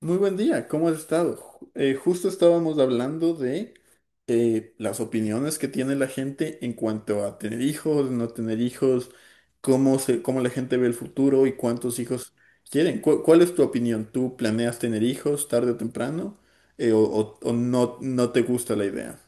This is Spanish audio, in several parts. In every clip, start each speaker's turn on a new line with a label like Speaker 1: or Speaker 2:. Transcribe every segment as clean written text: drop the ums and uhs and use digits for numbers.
Speaker 1: Muy buen día, ¿cómo has estado? Justo estábamos hablando de las opiniones que tiene la gente en cuanto a tener hijos, no tener hijos, cómo la gente ve el futuro y cuántos hijos quieren. ¿Cuál es tu opinión? ¿Tú planeas tener hijos tarde o temprano? ¿O no, no te gusta la idea?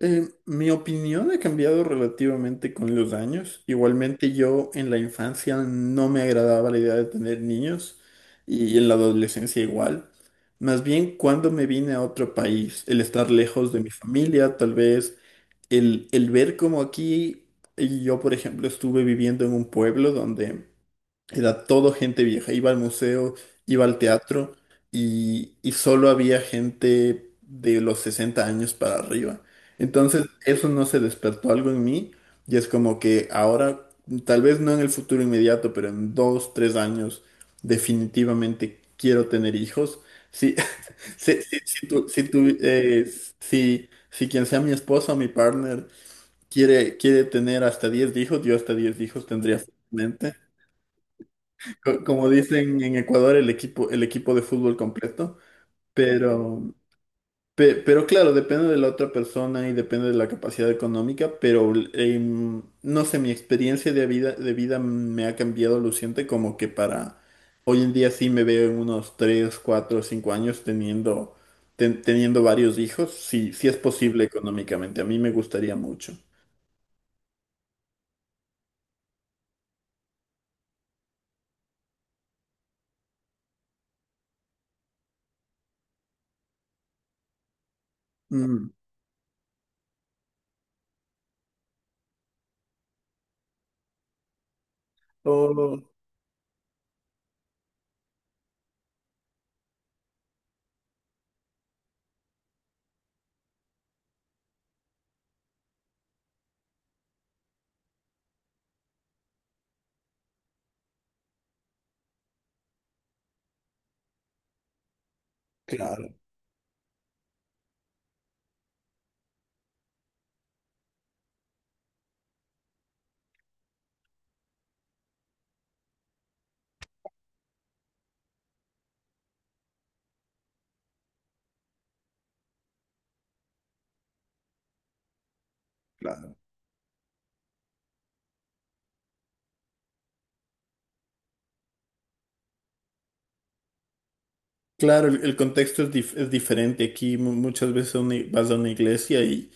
Speaker 1: Mi opinión ha cambiado relativamente con los años. Igualmente yo en la infancia no me agradaba la idea de tener niños y en la adolescencia igual. Más bien cuando me vine a otro país, el estar lejos de mi familia, tal vez el ver como aquí, y yo por ejemplo estuve viviendo en un pueblo donde era todo gente vieja. Iba al museo, iba al teatro y solo había gente de los 60 años para arriba. Entonces, eso no se despertó algo en mí y es como que ahora, tal vez no en el futuro inmediato, pero en dos, tres años, definitivamente quiero tener hijos. Sí, sí, sí, sí, sí, tú, sí, si quien sea mi esposa o mi partner quiere, quiere tener hasta 10 hijos, yo hasta 10 hijos tendría fácilmente como dicen en Ecuador, el equipo de fútbol completo, pero, pero claro, depende de la otra persona y depende de la capacidad económica, pero no sé, mi experiencia de vida me ha cambiado luciente como que para hoy en día sí me veo en unos 3 4 5 años teniendo, teniendo varios hijos, si si es posible económicamente, a mí me gustaría mucho. Mm. Oh, claro, claro. Claro, el contexto es, es diferente. Aquí muchas veces a vas a una iglesia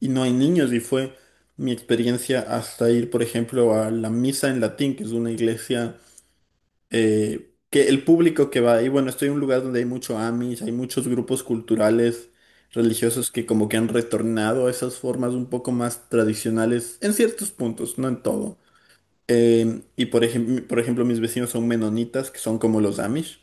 Speaker 1: y no hay niños y fue mi experiencia hasta ir, por ejemplo, a la misa en latín, que es una iglesia que el público que va ahí, bueno, estoy en un lugar donde hay mucho Amish, hay muchos grupos culturales religiosos que como que han retornado a esas formas un poco más tradicionales en ciertos puntos, no en todo. Y por ejemplo, mis vecinos son menonitas, que son como los Amish.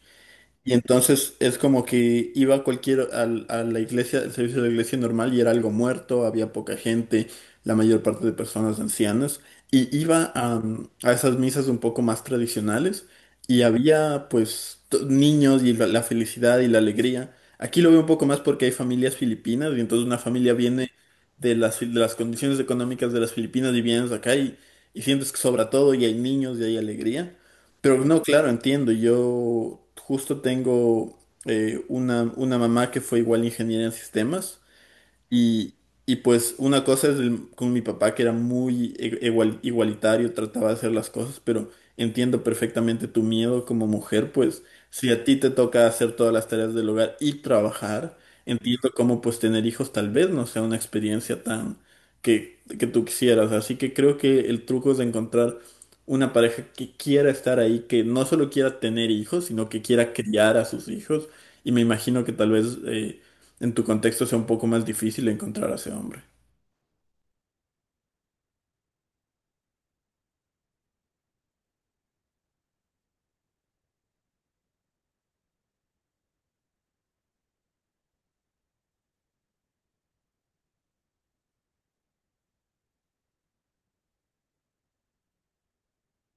Speaker 1: Y entonces es como que iba a cualquier a la iglesia, el servicio de la iglesia normal y era algo muerto, había poca gente, la mayor parte de personas ancianas, y iba a, mm, a esas misas un poco más tradicionales y había pues niños y la felicidad y la alegría. Aquí lo veo un poco más porque hay familias filipinas y entonces una familia viene de las condiciones económicas de las Filipinas y vienes acá y sientes que sobra todo y hay niños y hay alegría. Pero no, claro, entiendo. Yo justo tengo una mamá que fue igual ingeniera en sistemas. Y, y pues una cosa es con mi papá que era muy igualitario, trataba de hacer las cosas, pero entiendo perfectamente tu miedo como mujer, pues si a ti te toca hacer todas las tareas del hogar y trabajar, entiendo cómo pues tener hijos tal vez no sea una experiencia tan que tú quisieras. Así que creo que el truco es encontrar una pareja que quiera estar ahí, que no solo quiera tener hijos, sino que quiera criar a sus hijos. Y me imagino que tal vez... en tu contexto sea un poco más difícil encontrar a ese hombre.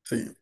Speaker 1: Sí.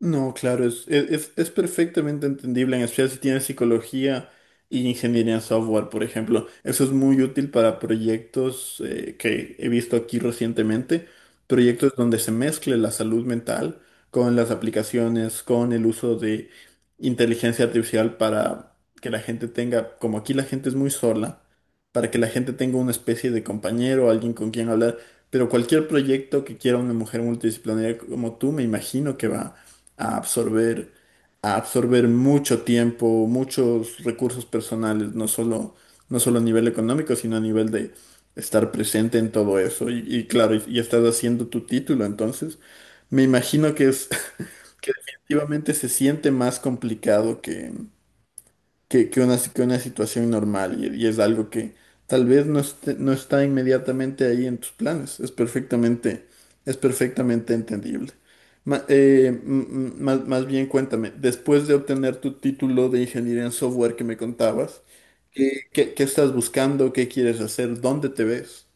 Speaker 1: No, claro, es, e-, es, es- perfectamente entendible, en especial si tienes psicología y ingeniería en software, por ejemplo. Eso es muy útil para proyectos que he visto aquí recientemente, proyectos donde se mezcle la salud mental con las aplicaciones, con el uso de inteligencia artificial para que la gente tenga, como aquí la gente es muy sola, para que la gente tenga una especie de compañero, alguien con quien hablar. Pero cualquier proyecto que quiera una mujer multidisciplinaria como tú, me imagino que va a absorber, a absorber mucho tiempo, muchos recursos personales, no solo, no solo a nivel económico, sino a nivel de estar presente en todo eso. Y claro, y estás haciendo tu título, entonces me imagino que es que definitivamente se siente más complicado que, que una situación normal y es algo que tal vez no está inmediatamente ahí en tus planes. Es perfectamente entendible. Más bien cuéntame, después de obtener tu título de ingeniería en software que me contabas, ¿qué, qué estás buscando? ¿Qué quieres hacer? ¿Dónde te ves?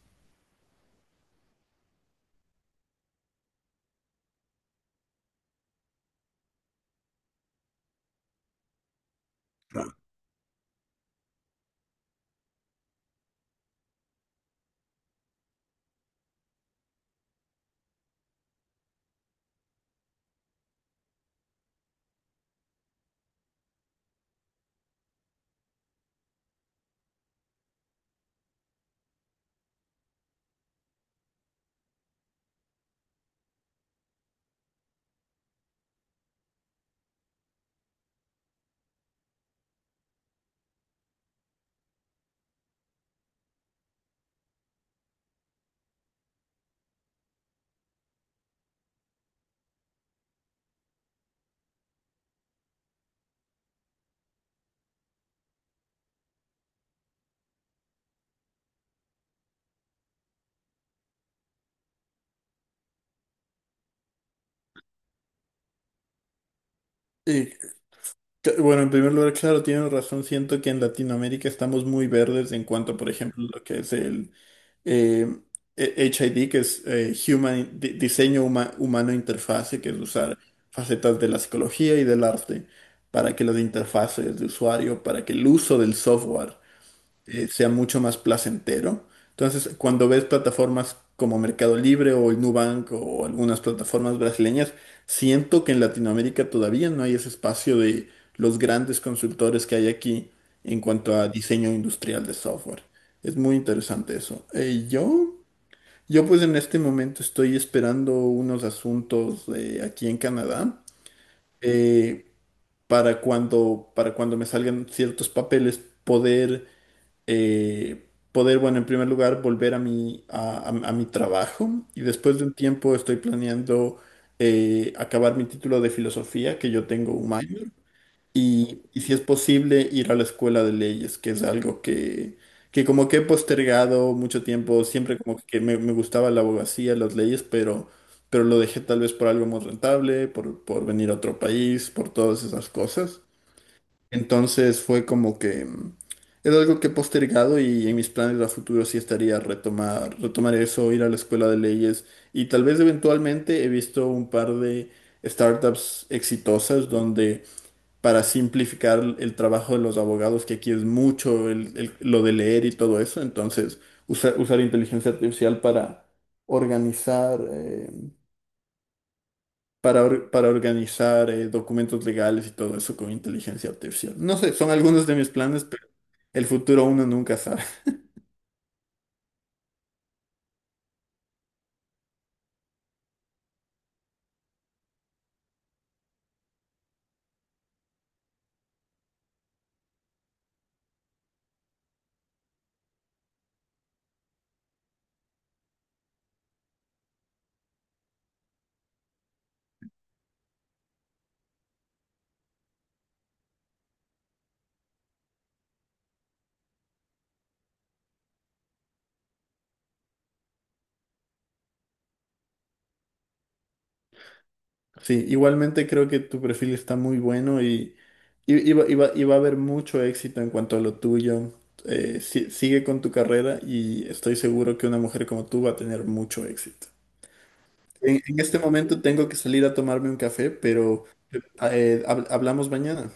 Speaker 1: Bueno, en primer lugar, claro, tienen razón. Siento que en Latinoamérica estamos muy verdes en cuanto, por ejemplo, lo que es el eh, HID, que es Human, Diseño Humano Interfase, que es usar facetas de la psicología y del arte para que las interfaces de usuario, para que el uso del software sea mucho más placentero. Entonces, cuando ves plataformas como Mercado Libre o el Nubank o algunas plataformas brasileñas, siento que en Latinoamérica todavía no hay ese espacio de los grandes consultores que hay aquí en cuanto a diseño industrial de software. Es muy interesante eso. Yo pues en este momento estoy esperando unos asuntos aquí en Canadá eh, para cuando me salgan ciertos papeles poder eh, poder, bueno, en primer lugar, volver a mi, a mi trabajo y después de un tiempo estoy planeando acabar mi título de filosofía, que yo tengo un minor, y si es posible ir a la escuela de leyes, que es algo que como que he postergado mucho tiempo, siempre como que me gustaba la abogacía, las leyes, pero lo dejé tal vez por algo más rentable, por venir a otro país, por todas esas cosas. Entonces fue como que mm, es algo que he postergado y en mis planes a futuro sí estaría retomar, retomar eso, ir a la escuela de leyes y tal vez eventualmente he visto un par de startups exitosas donde para simplificar el trabajo de los abogados, que aquí es mucho lo de leer y todo eso, entonces usar inteligencia artificial para organizar, para, para organizar documentos legales y todo eso con inteligencia artificial. No sé, son algunos de mis planes, el futuro uno nunca sabe. Sí, igualmente creo que tu perfil está muy bueno y va, y va a haber mucho éxito en cuanto a lo tuyo. Sigue con tu carrera y estoy seguro que una mujer como tú va a tener mucho éxito. En este momento tengo que salir a tomarme un café, pero hablamos mañana.